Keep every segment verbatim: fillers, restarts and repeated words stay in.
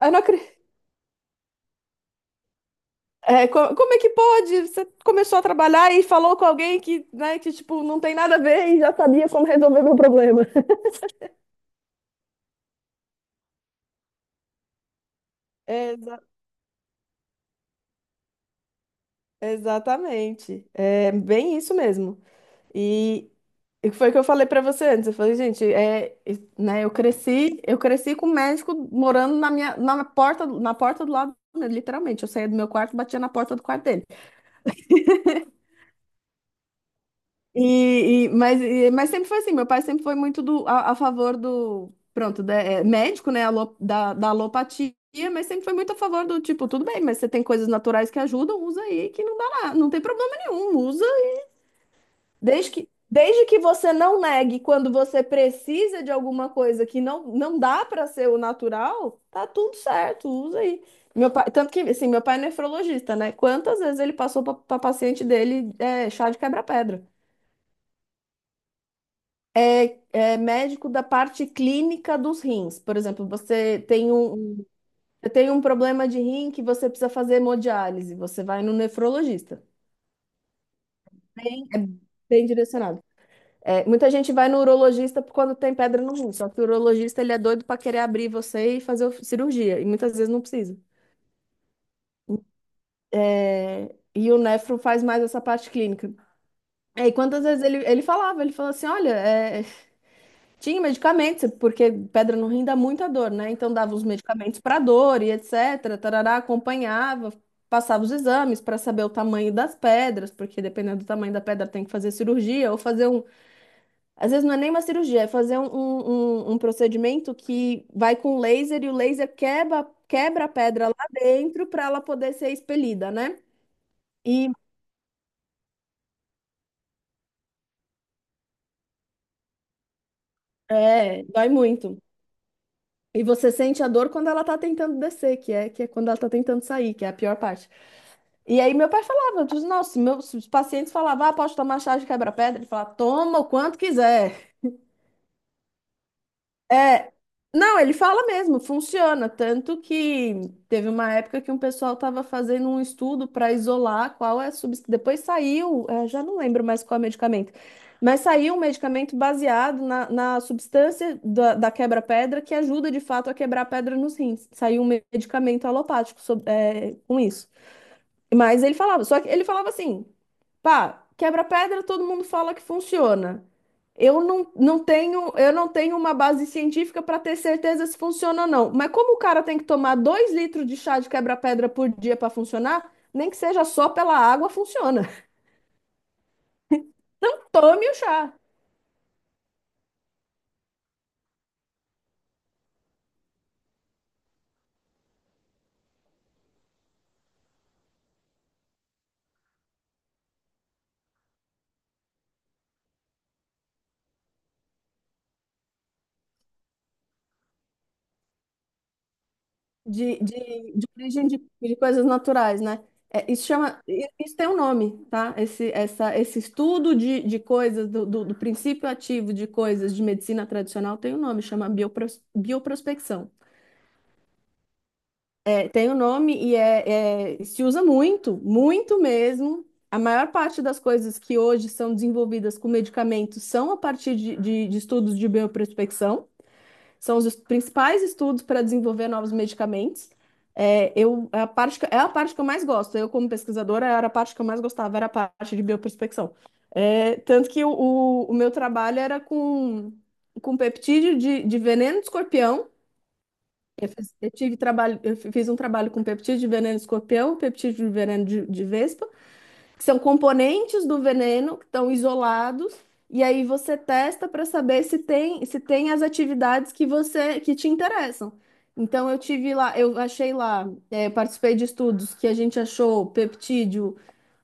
Eu não acredito. É, co- como é que pode? Você começou a trabalhar e falou com alguém que, né, que tipo, não tem nada a ver e já sabia como resolver meu problema. Exa- exatamente. É bem isso mesmo. E e foi o que eu falei pra você antes. Eu falei, gente, é, e- né, eu cresci, eu cresci com um médico morando na minha, na porta, na porta do lado, né, literalmente. Eu saía do meu quarto, batia na porta do quarto dele. E, e- mas, e- mas sempre foi assim, meu pai sempre foi muito do, a, a favor do, pronto, da- é, médico, né, alo- da, da alopatia, mas sempre foi muito a favor do tipo, tudo bem, mas você tem coisas naturais que ajudam, usa aí que não dá nada, não tem problema nenhum, usa. Desde que, desde que você não negue quando você precisa de alguma coisa que não, não dá para ser o natural, tá tudo certo, usa aí. Meu pai, tanto que, assim, meu pai é nefrologista, né? Quantas vezes ele passou para paciente dele é, chá de quebra-pedra? É, é médico da parte clínica dos rins. Por exemplo, você tem um, você tem um problema de rim que você precisa fazer hemodiálise, você vai no nefrologista. É bem direcionado. É, muita gente vai no urologista por quando tem pedra no rim, só que o urologista ele é doido para querer abrir você e fazer o- cirurgia, e muitas vezes não precisa. É, e o nefro faz mais essa parte clínica. É, e quantas vezes ele, ele falava, ele falou assim, olha, é, tinha medicamentos, porque pedra no rim dá muita dor, né? Então dava os medicamentos para dor e etcétera. Tarará, acompanhava, passava os exames para saber o tamanho das pedras, porque dependendo do tamanho da pedra tem que fazer cirurgia ou fazer um. Às vezes não é nem uma cirurgia, é fazer um, um, um- um procedimento que vai com laser e o laser quebra, quebra a pedra lá dentro para ela poder ser expelida, né? E é, dói muito. E você sente a dor quando ela tá tentando descer, que é, que é quando ela tá tentando sair, que é a pior parte. E aí meu pai falava, eu disse, nossa, meus os pacientes falavam, ah, posso tomar chá de quebra-pedra? Ele falava, toma o quanto quiser. É, não, ele fala mesmo, funciona. Tanto que teve uma época que um pessoal estava fazendo um estudo para isolar qual é a substância. Depois saiu, é, já não lembro mais qual é o medicamento, mas saiu um medicamento baseado na, na substância da, da quebra-pedra que ajuda de fato a quebrar a pedra nos rins. Saiu um medicamento alopático sob- é, com isso. Mas ele falava, só que ele falava assim. Pá, quebra-pedra todo mundo fala que funciona. Eu não, não tenho, eu não tenho uma base científica para ter certeza se funciona ou não. Mas como o cara tem que tomar dois litros de chá de quebra-pedra por dia para funcionar, nem que seja só pela água, funciona. Não tome o chá de, de, de origem de, de coisas naturais, né? É, isso chama, i- isso tem um nome, tá? Esse, essa, esse estudo de, de coisas, do, do, do princípio ativo de coisas de medicina tradicional tem um nome, chama biopros, bioprospecção. Tem o nome e é, é- se usa muito, muito mesmo. A maior parte das coisas que hoje são desenvolvidas com medicamentos são a partir de, de- de estudos de bioprospecção. São os es- principais estudos para desenvolver novos medicamentos. É, eu, é a parte que, é a parte que eu mais gosto. Eu, como pesquisadora, era a parte que eu mais gostava, era a parte de bioprospecção. É, tanto que o, o- o meu trabalho era com, com peptídeo de, de veneno de escorpião. Eu fiz, eu tive trabalho, eu fi- fiz um trabalho com peptídeo de veneno de escorpião, peptídeo de veneno de, de vespa, que são componentes do veneno que estão isolados, e aí você testa para saber se tem, se tem as atividades que você que te interessam. Então eu tive lá, eu achei lá, eh, eu participei de estudos que a gente achou peptídeo,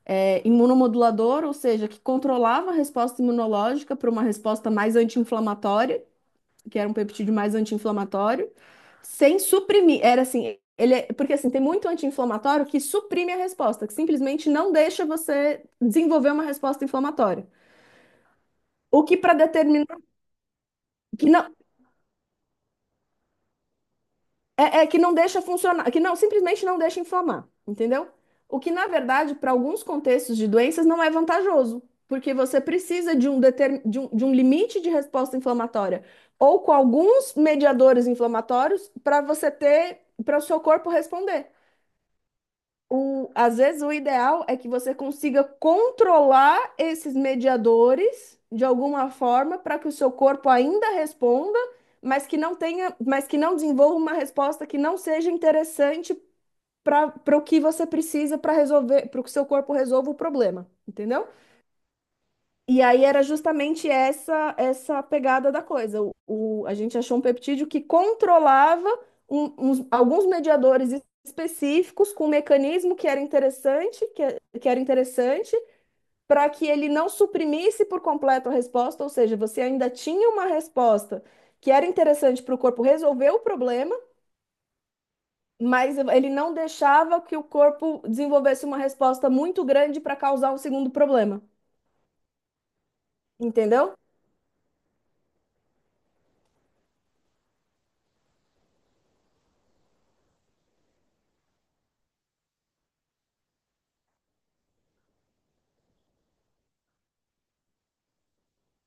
eh, imunomodulador, ou seja, que controlava a resposta imunológica para uma resposta mais anti-inflamatória, que era um peptídeo mais anti-inflamatório, sem suprimir. Era assim, ele é- porque assim, tem muito anti-inflamatório que suprime a resposta, que simplesmente não deixa você desenvolver uma resposta inflamatória. O que para determinar que não é, é que não deixa funcionar, que não simplesmente não deixa inflamar, entendeu? O que na verdade para alguns contextos de doenças não é vantajoso, porque você precisa de um, determin, de um, de um limite de resposta inflamatória ou com alguns mediadores inflamatórios para você ter para o seu corpo responder. O, às vezes o ideal é que você consiga controlar esses mediadores de alguma forma para que o seu corpo ainda responda, mas que não tenha, mas que não desenvolva uma resposta que não seja interessante para para o que você precisa para resolver, para que o seu corpo resolva o problema, entendeu? E aí era justamente essa essa pegada da coisa. O, o- a gente achou um peptídeo que controlava um- uns- alguns mediadores específicos com um mecanismo que era interessante, que, é- que era interessante, para que ele não suprimisse por completo a resposta, ou seja, você ainda tinha uma resposta que era interessante para o corpo resolver o problema, mas ele não deixava que o corpo desenvolvesse uma resposta muito grande para causar um segundo problema, entendeu?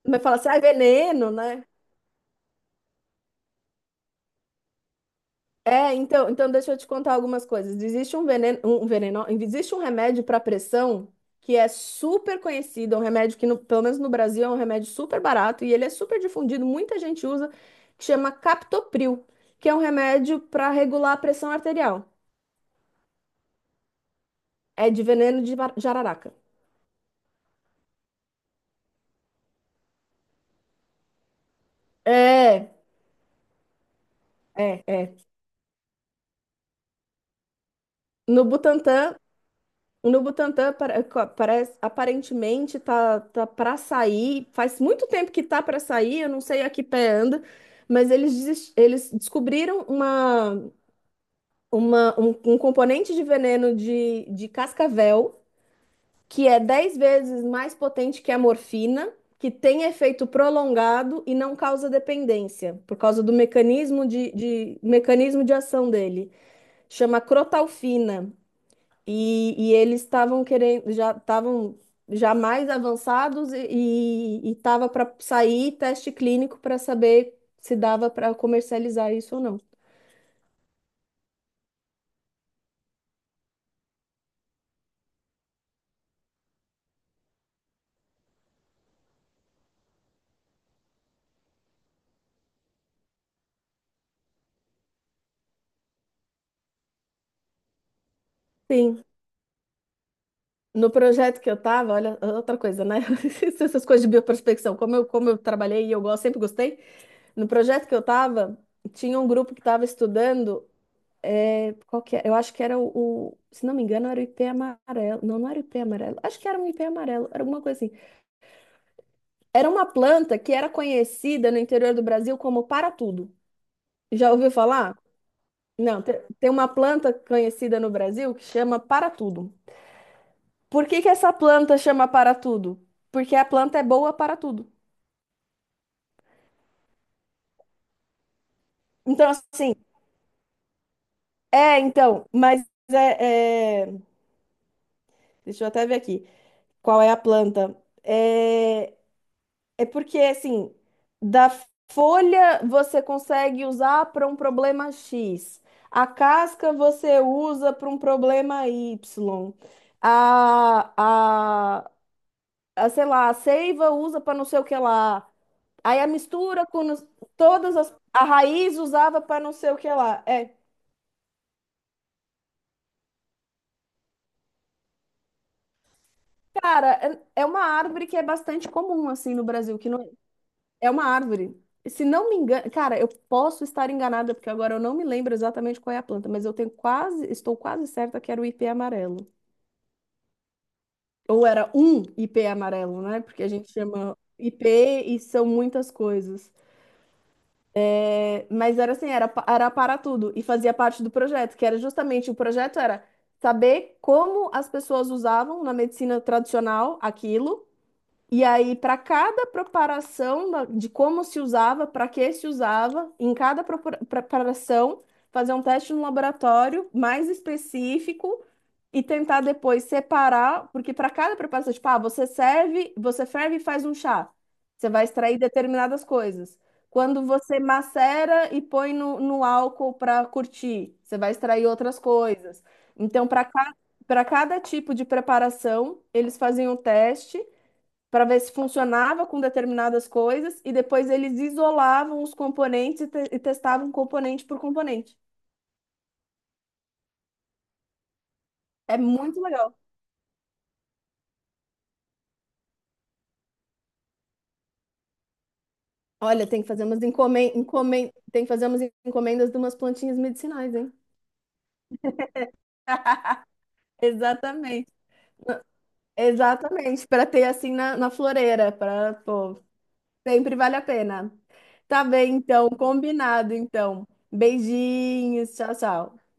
Mas fala assim, ah, é veneno, né? É, então, então deixa eu te contar algumas coisas. Existe um veneno, um veneno, não, existe um remédio para pressão que é super conhecido, é um remédio que, no- pelo menos no Brasil, é um remédio super barato e ele é super difundido, muita gente usa, que chama Captopril, que é um remédio para regular a pressão arterial. É de veneno de bar- jararaca. É, é, é. No Butantan. No Butantã para- co- parece, aparentemente tá, tá para sair. Faz muito tempo que tá para sair, eu não sei a que pé anda, mas eles, desis- eles descobriram uma, uma, um, um componente de veneno de, de cascavel que é dez vezes mais potente que a morfina, que tem efeito prolongado e não causa dependência, por causa do mecanismo de, de, mecanismo de ação dele. Chama crotalfina. E, e eles estavam querendo, já estavam já mais avançados e estava para sair teste clínico para saber se dava para comercializar isso ou não. Sim, no projeto que eu estava, olha, outra coisa, né? Essas coisas de bioprospecção, como eu, como eu trabalhei e eu gosto, sempre gostei. No projeto que eu estava, tinha um grupo que estava estudando, é, qual que é? Eu acho que era o, o- se não me engano, era o ipê amarelo. Não, não era o ipê amarelo. Acho que era um ipê amarelo, era alguma coisa assim. Era uma planta que era conhecida no interior do Brasil como para-tudo. Já ouviu falar? Não, te- tem uma planta conhecida no Brasil que chama para-tudo. Por que que essa planta chama para-tudo? Porque a planta é boa para tudo. Então, assim, é, então, mas é, é- deixa eu até ver aqui. Qual é a planta? É... É porque, assim, da folha você consegue usar para um problema X, a casca você usa para um problema Y, a, a, a, sei lá, a seiva usa para não sei o que lá, aí a mistura com nos- todas as. A raiz usava para não sei o que lá. É, cara, é é uma árvore que é bastante comum, assim, no Brasil, que não. É uma árvore. Se não me engano, cara, eu posso estar enganada, porque agora eu não me lembro exatamente qual é a planta, mas eu tenho quase, estou quase certa que era o ipê amarelo. Ou era um ipê amarelo, né? Porque a gente chama ipê e são muitas coisas. É, mas era assim, era, pa- era para tudo e fazia parte do projeto, que era justamente o projeto era saber como as pessoas usavam na medicina tradicional aquilo. E aí, para cada preparação da- de como se usava, para que se usava, em cada propor- preparação, fazer um teste no laboratório mais específico e tentar depois separar, porque para cada preparação, tipo, ah, você serve, você ferve e faz um chá. Você vai extrair determinadas coisas. Quando você macera e põe no, no álcool para curtir, você vai extrair outras coisas. Então, para cada para cada tipo de preparação, eles faziam o teste para ver se funcionava com determinadas coisas e depois eles isolavam os componentes e, te- e testavam componente por componente. É muito legal. Olha, tem que fazer umas encomen encomen tem que fazer umas encomendas de umas plantinhas medicinais, hein? Exatamente. Exatamente, para ter assim na, na floreira, para, pô, sempre vale a pena. Tá bem, então, combinado, então. Beijinhos, tchau, tchau.